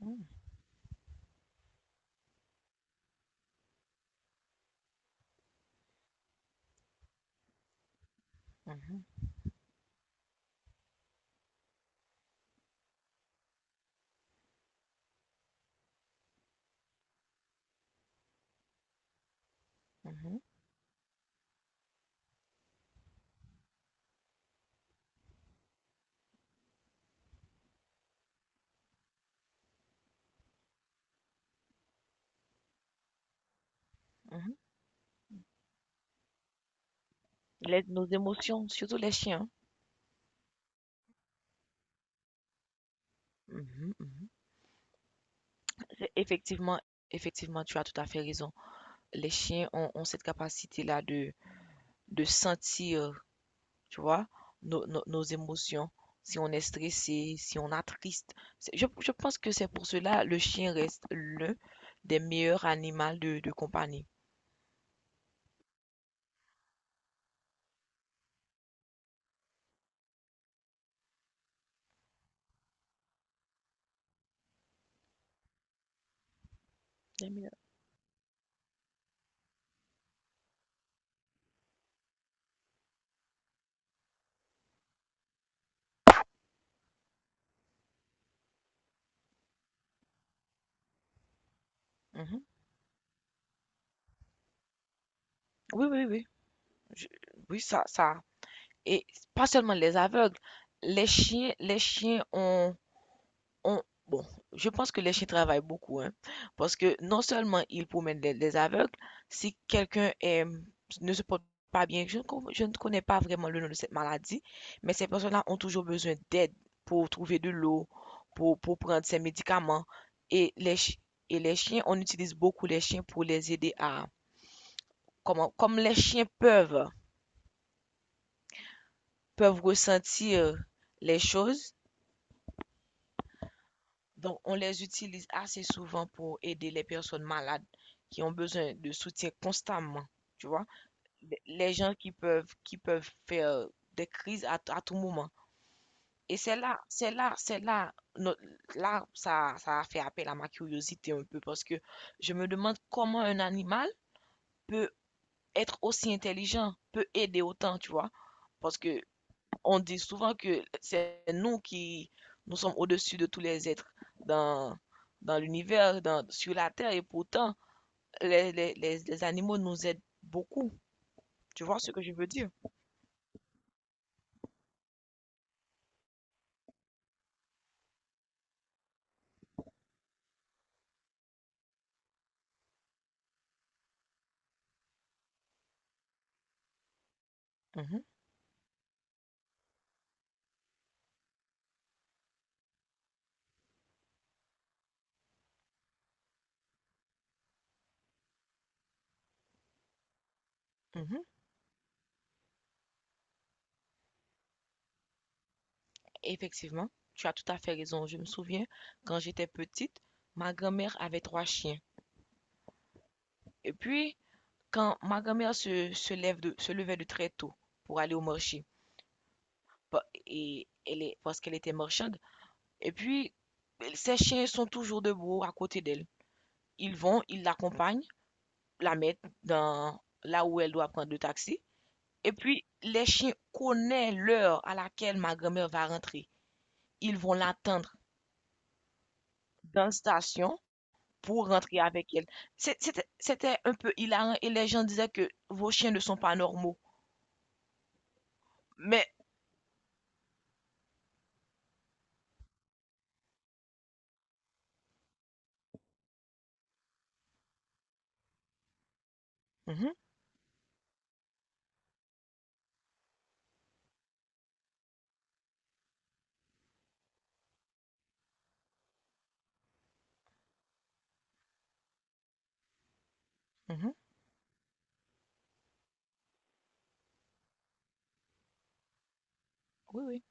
Mmh. Mmh mh. Mmh. Mmh. Les nos émotions, surtout les chiens. Mmh mh. Mmh. C'est effectivement, tu as tout à fait raison. Les chiens ont cette capacité-là de sentir, tu vois, nos émotions, si on est stressé, si on a triste. C'est je pense que c'est pour cela le chien reste l'un des meilleurs animaux de compagnie. Les meilleurs. Mmh. Oui, oui, oui. Je Oui, ça ça et pas seulement les aveugles, les chiens ont On bon, je pense que les chiens travaillent beaucoup, hein, parce que non seulement ils promènent les aveugles, si quelqu'un ne se porte pas bien, je ne connais pas vraiment le nom de cette maladie, mais ces personnes-là ont toujours besoin d'aide pour trouver de l'eau, pour prendre ces médicaments. Et les chiens, on utilise beaucoup les chiens pour les aider comme les chiens peuvent ressentir les choses. Donc, on les utilise assez souvent pour aider les personnes malades qui ont besoin de soutien constamment. Tu vois. Les- Gens qui peuvent, faire des crises à tout moment. Et c'est là, c'est là, c'est là, no- là, ça a fait appel à ma curiosité un peu parce que je me demande comment un animal peut être aussi intelligent, peut aider autant, tu vois. Parce que on dit souvent que c'est nous qui nous sommes au-dessus de tous les êtres dans, dans l'univers, sur la Terre, et pourtant, les animaux nous aident beaucoup. Tu vois ce que je veux dire? Mhm, mhm. Effectivement, tu as tout à fait raison. Je me souviens, quand j'étais petite, ma grand-mère avait trois chiens. Et puis, quand ma grand-mère se levait de très tôt pour aller au marché, parce qu'elle était marchande, et puis, ses chiens sont toujours debout à côté d'elle. Ils vont, ils l'accompagnent, la mettent dans là où elle doit prendre le taxi. Et puis, les chiens connaissent l'heure à laquelle ma grand-mère va rentrer. Ils vont l'attendre dans la station pour rentrer avec elle. C'était un peu hilarant et les gens disaient que vos chiens ne sont pas normaux. Mais. Mhm, mhm, oui, oui.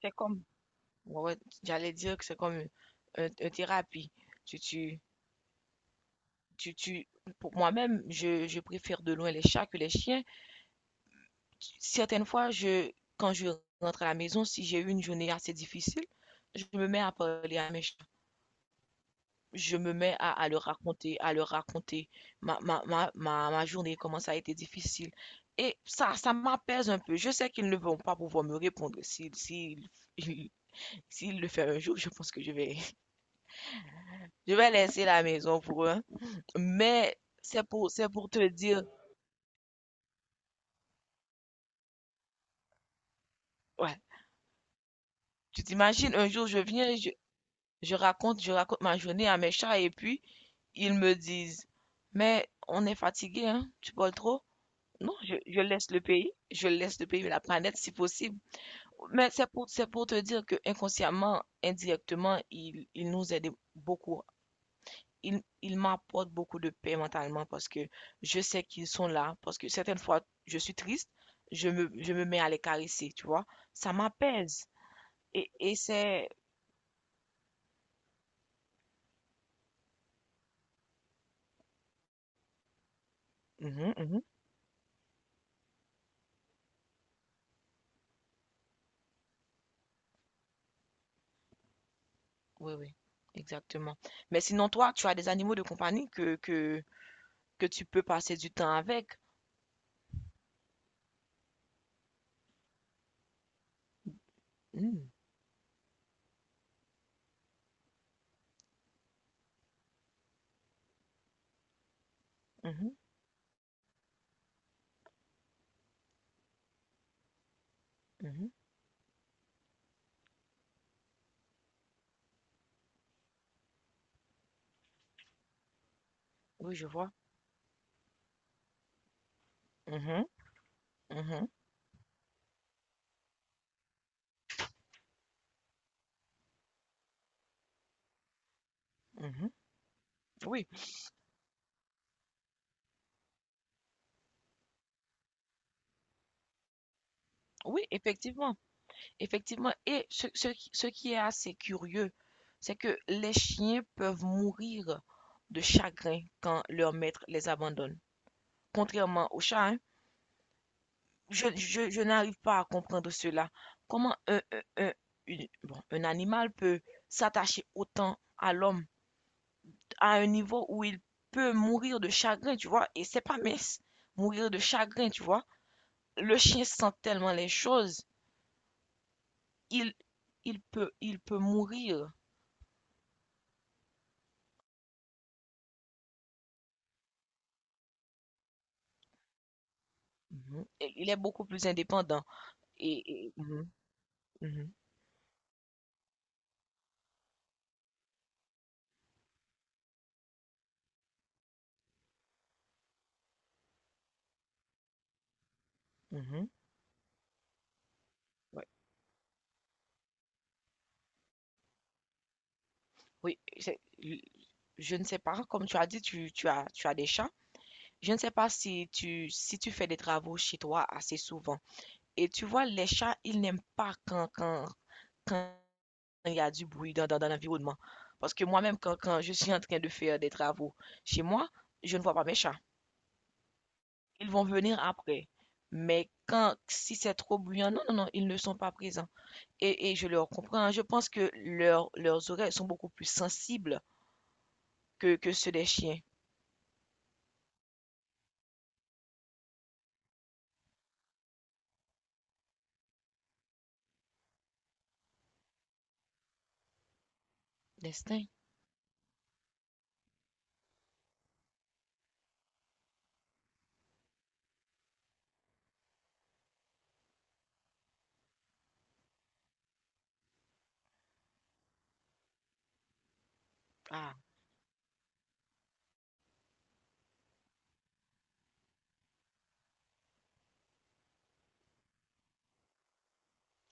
C'est comme, Ouais, ouais, j'allais dire que c'est comme une thérapie. Tu, tu, tu, tu, pour moi-même, je préfère de loin les chats que les chiens. Certaines fois, quand je rentre à la maison, si j'ai eu une journée assez difficile, je me mets à parler à mes chats. Je me mets à leur raconter, ma journée, comment ça a été difficile. Et ça m'apaise un peu. Je sais qu'ils ne vont pas pouvoir me répondre. S'ils le font un jour, je pense que je vais, je vais laisser la maison pour eux. Hein. Mais c'est pour te dire, ouais, tu t'imagines, un jour je viens, je raconte ma journée à mes chats et puis ils me disent, mais on est fatigué, hein, tu parles trop. Non, je laisse le pays, la planète si possible. Mais c'est pour te dire que inconsciemment, indirectement, il nous aide beaucoup. Il m'apporte beaucoup de paix mentalement parce que je sais qu'ils sont là. Parce que certaines fois, je suis triste, je me mets à les caresser, tu vois. Ça m'apaise. Et c'est. Mhm, mhm. Oui, oui, exactement. Mais sinon, toi, tu as des animaux de compagnie que tu peux passer du temps avec. Mhm, mhm, mhm. Oui, je vois. Mhm, mhm, mhm. Oui, oui, effectivement. Effectivement. Et ce qui est assez curieux, c'est que les chiens peuvent mourir de chagrin quand leur maître les abandonne. Contrairement aux chats, hein. Je n'arrive pas à comprendre cela. Comment bon, un animal peut s'attacher autant à l'homme à un niveau où il peut mourir de chagrin, tu vois. Et c'est pas mince, mourir de chagrin, tu vois. Le chien sent tellement les choses, il, il peut mourir. Mhm. Et il est beaucoup plus indépendant. Mhm, mhm, mhm. Ouais. Oui, je ne sais pas, comme tu as dit, tu as des chats. Je ne sais pas si tu fais des travaux chez toi assez souvent. Et tu vois, les chats, ils n'aiment pas quand il y a du bruit dans l'environnement. Parce que moi-même, quand je suis en train de faire des travaux chez moi, je ne vois pas mes chats. Ils vont venir après. Mais si c'est trop bruyant, non, non, non, ils ne sont pas présents. Et je leur comprends. Hein. Je pense que leurs oreilles sont beaucoup plus sensibles que ceux des chiens. Destin. Ah,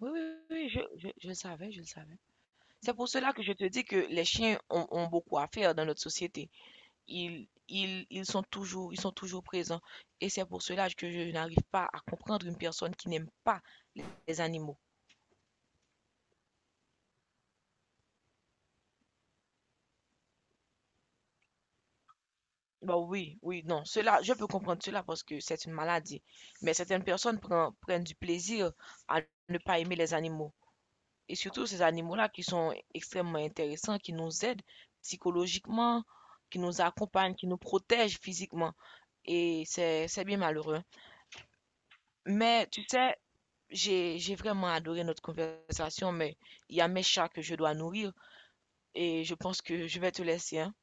oui, oui, oui, je le savais. C'est pour cela que je te dis que les chiens ont beaucoup à faire dans notre société. Ils sont toujours présents. Et c'est pour cela que je n'arrive pas à comprendre une personne qui n'aime pas les, animaux. Bah oui, oui, non, cela, je peux comprendre cela parce que c'est une maladie. Mais certaines personnes prennent du plaisir à ne pas aimer les animaux. Et surtout ces animaux-là qui sont extrêmement intéressants, qui nous aident psychologiquement, qui nous accompagnent, qui nous protègent physiquement. Et c'est bien malheureux. Mais tu sais, j'ai vraiment adoré notre conversation, mais il y a mes chats que je dois nourrir et je pense que je vais te laisser, hein.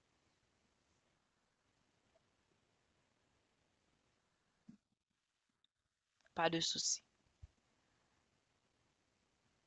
Pas de souci.